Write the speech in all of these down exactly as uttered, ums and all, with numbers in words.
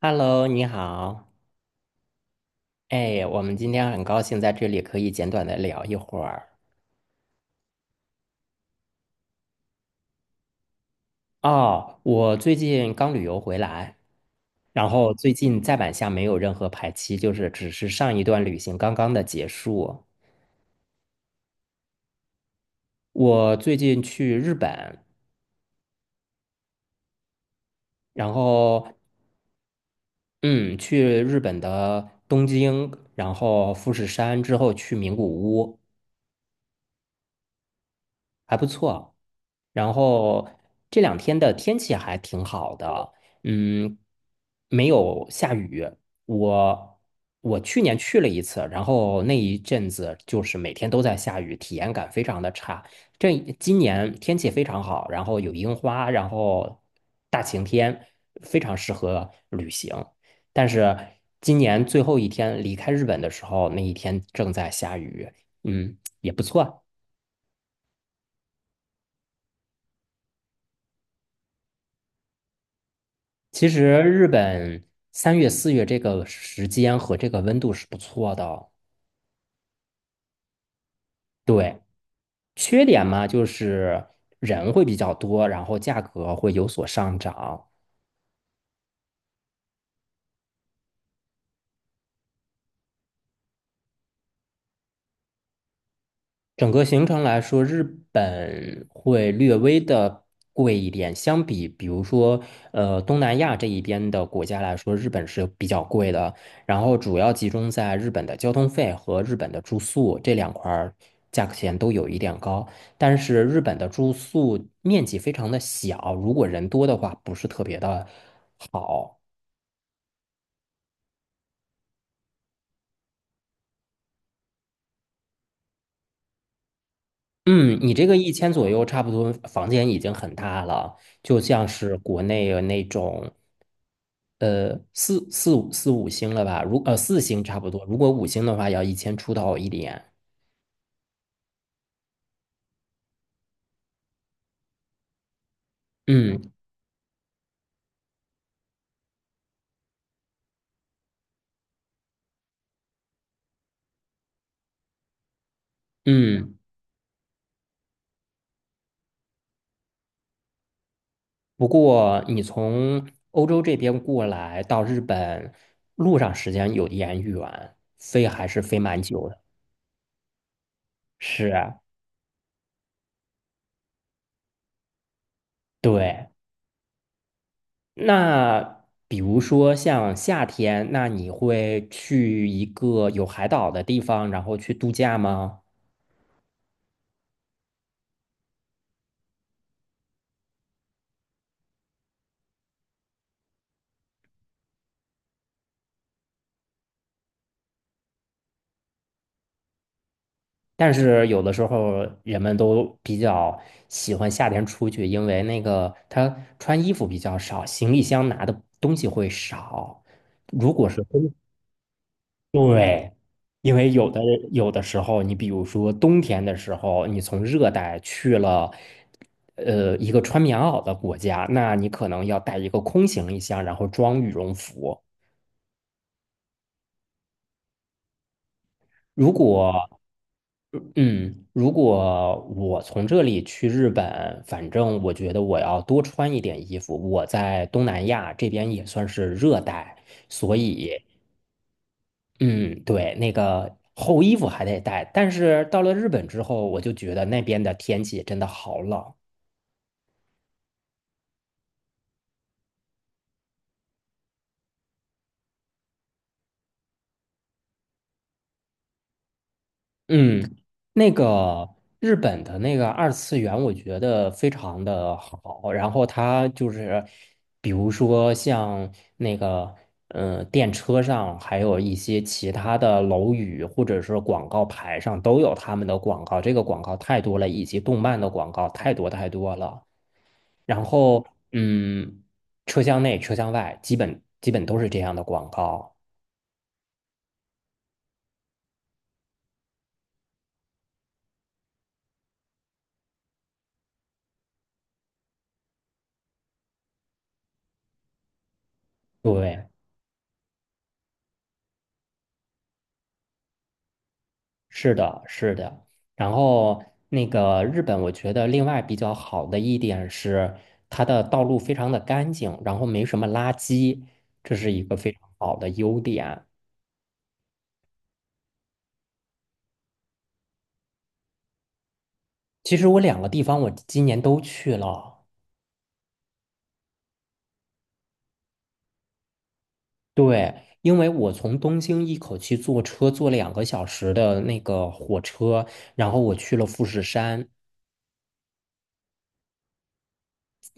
Hello，你好。哎，我们今天很高兴在这里可以简短的聊一会儿。哦，我最近刚旅游回来，然后最近再版下没有任何排期，就是只是上一段旅行刚刚的结束。我最近去日本，然后嗯，去日本的东京，然后富士山之后去名古屋。还不错。然后这两天的天气还挺好的，嗯，没有下雨。我我去年去了一次，然后那一阵子就是每天都在下雨，体验感非常的差。这今年天气非常好，然后有樱花，然后大晴天，非常适合旅行。但是今年最后一天离开日本的时候，那一天正在下雨，嗯，也不错。其实日本三月、四月这个时间和这个温度是不错的哦。对，缺点嘛，就是人会比较多，然后价格会有所上涨。整个行程来说，日本会略微的贵一点，相比比如说呃东南亚这一边的国家来说，日本是比较贵的。然后主要集中在日本的交通费和日本的住宿这两块儿，价格钱都有一点高。但是日本的住宿面积非常的小，如果人多的话，不是特别的好。嗯，你这个一千左右，差不多房间已经很大了，就像是国内的那种，呃，四四五四五星了吧？如呃四星差不多，如果五星的话，要一千出头一点。嗯嗯，不过你从欧洲这边过来到日本，路上时间有点远，飞还是飞蛮久的。是啊，对。那比如说像夏天，那你会去一个有海岛的地方，然后去度假吗？但是有的时候人们都比较喜欢夏天出去，因为那个他穿衣服比较少，行李箱拿的东西会少。如果是冬对，因为有的有的时候，你比如说冬天的时候，你从热带去了，呃，一个穿棉袄的国家，那你可能要带一个空行李箱，然后装羽绒服。如果，嗯，如果我从这里去日本，反正我觉得我要多穿一点衣服。我在东南亚这边也算是热带，所以。嗯，对，那个厚衣服还得带，但是到了日本之后，我就觉得那边的天气真的好冷。嗯，那个日本的那个二次元，我觉得非常的好。然后它就是，比如说像那个，嗯，电车上，还有一些其他的楼宇或者是广告牌上都有他们的广告。这个广告太多了，以及动漫的广告太多太多了。然后嗯，车厢内、车厢外基本基本都是这样的广告。对，是的，是的。然后那个日本，我觉得另外比较好的一点是，它的道路非常的干净，然后没什么垃圾，这是一个非常好的优点。其实我两个地方我今年都去了，对，因为我从东京一口气坐车坐两个小时的那个火车，然后我去了富士山。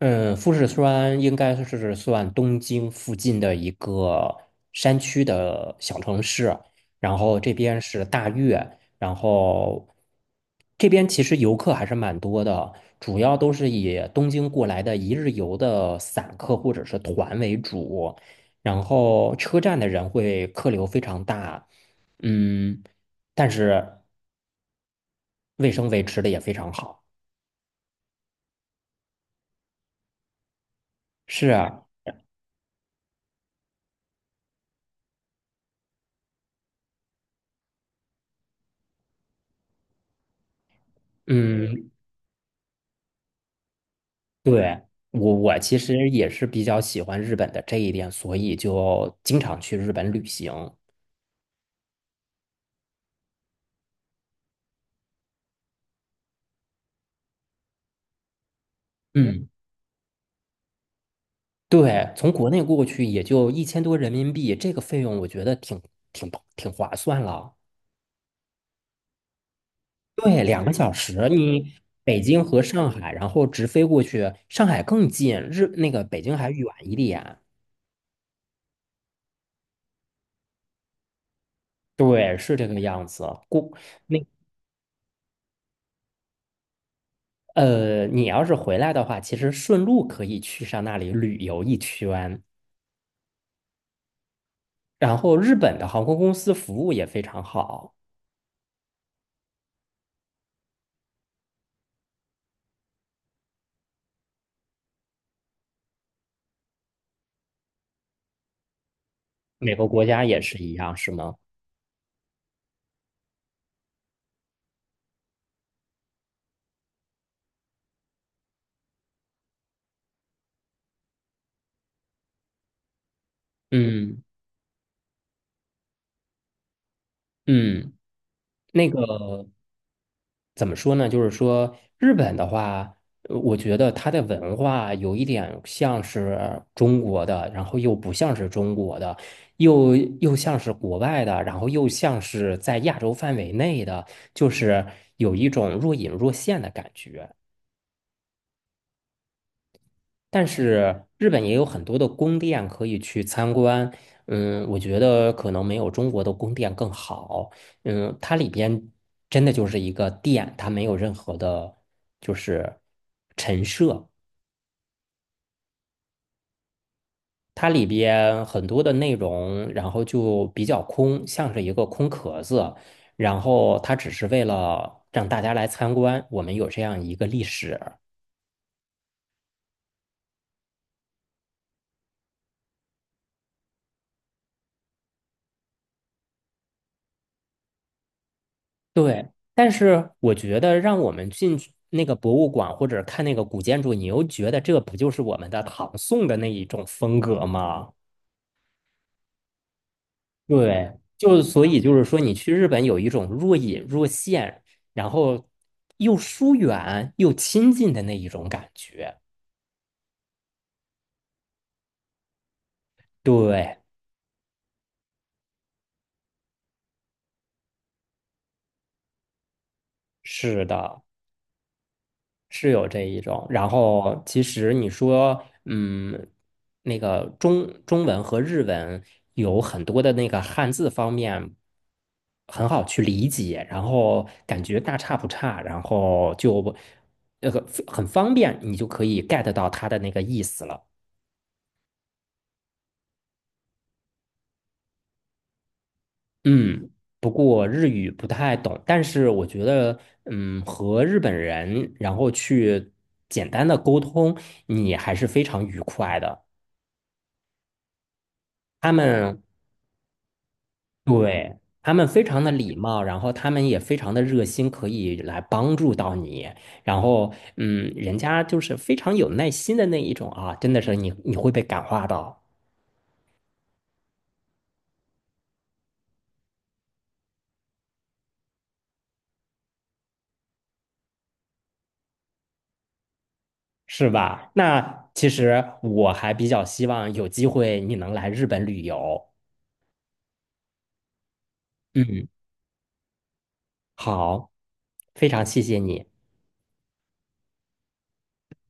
嗯，富士山应该是算东京附近的一个山区的小城市，然后这边是大月，然后这边其实游客还是蛮多的，主要都是以东京过来的一日游的散客或者是团为主，然后车站的人会客流非常大，嗯，但是卫生维持的也非常好，是啊，嗯，对，我我其实也是比较喜欢日本的这一点，所以就经常去日本旅行。嗯，对，从国内过去也就一千多人民币，这个费用我觉得挺挺挺划算了。对，两个小时，你北京和上海，然后直飞过去，上海更近，日那个北京还远一点。对，是这个样子。过那呃，你要是回来的话，其实顺路可以去上那里旅游一圈。然后日本的航空公司服务也非常好，每个国家也是一样，是吗？嗯嗯，那个怎么说呢？就是说日本的话，呃我觉得它的文化有一点像是中国的，然后又不像是中国的，又又像是国外的，然后又像是在亚洲范围内的，就是有一种若隐若现的感觉。但是日本也有很多的宫殿可以去参观，嗯，我觉得可能没有中国的宫殿更好，嗯，它里边真的就是一个殿，它没有任何的，就是陈设，它里边很多的内容，然后就比较空，像是一个空壳子，然后它只是为了让大家来参观，我们有这样一个历史。对，但是我觉得让我们进去那个博物馆或者看那个古建筑，你又觉得这不就是我们的唐宋的那一种风格吗？对，就所以就是说，你去日本有一种若隐若现，然后又疏远又亲近的那一种感觉。对，是的。是有这一种，然后其实你说，嗯，那个中中文和日文有很多的那个汉字方面很好去理解，然后感觉大差不差，然后就那个很方便，你就可以 get 到它的那个意思了。嗯，不过日语不太懂，但是我觉得，嗯，和日本人然后去简单的沟通，你还是非常愉快的。他们对，他们非常的礼貌，然后他们也非常的热心，可以来帮助到你。然后，嗯，人家就是非常有耐心的那一种啊，真的是你你会被感化到，是吧？那其实我还比较希望有机会你能来日本旅游。嗯，好，非常谢谢你。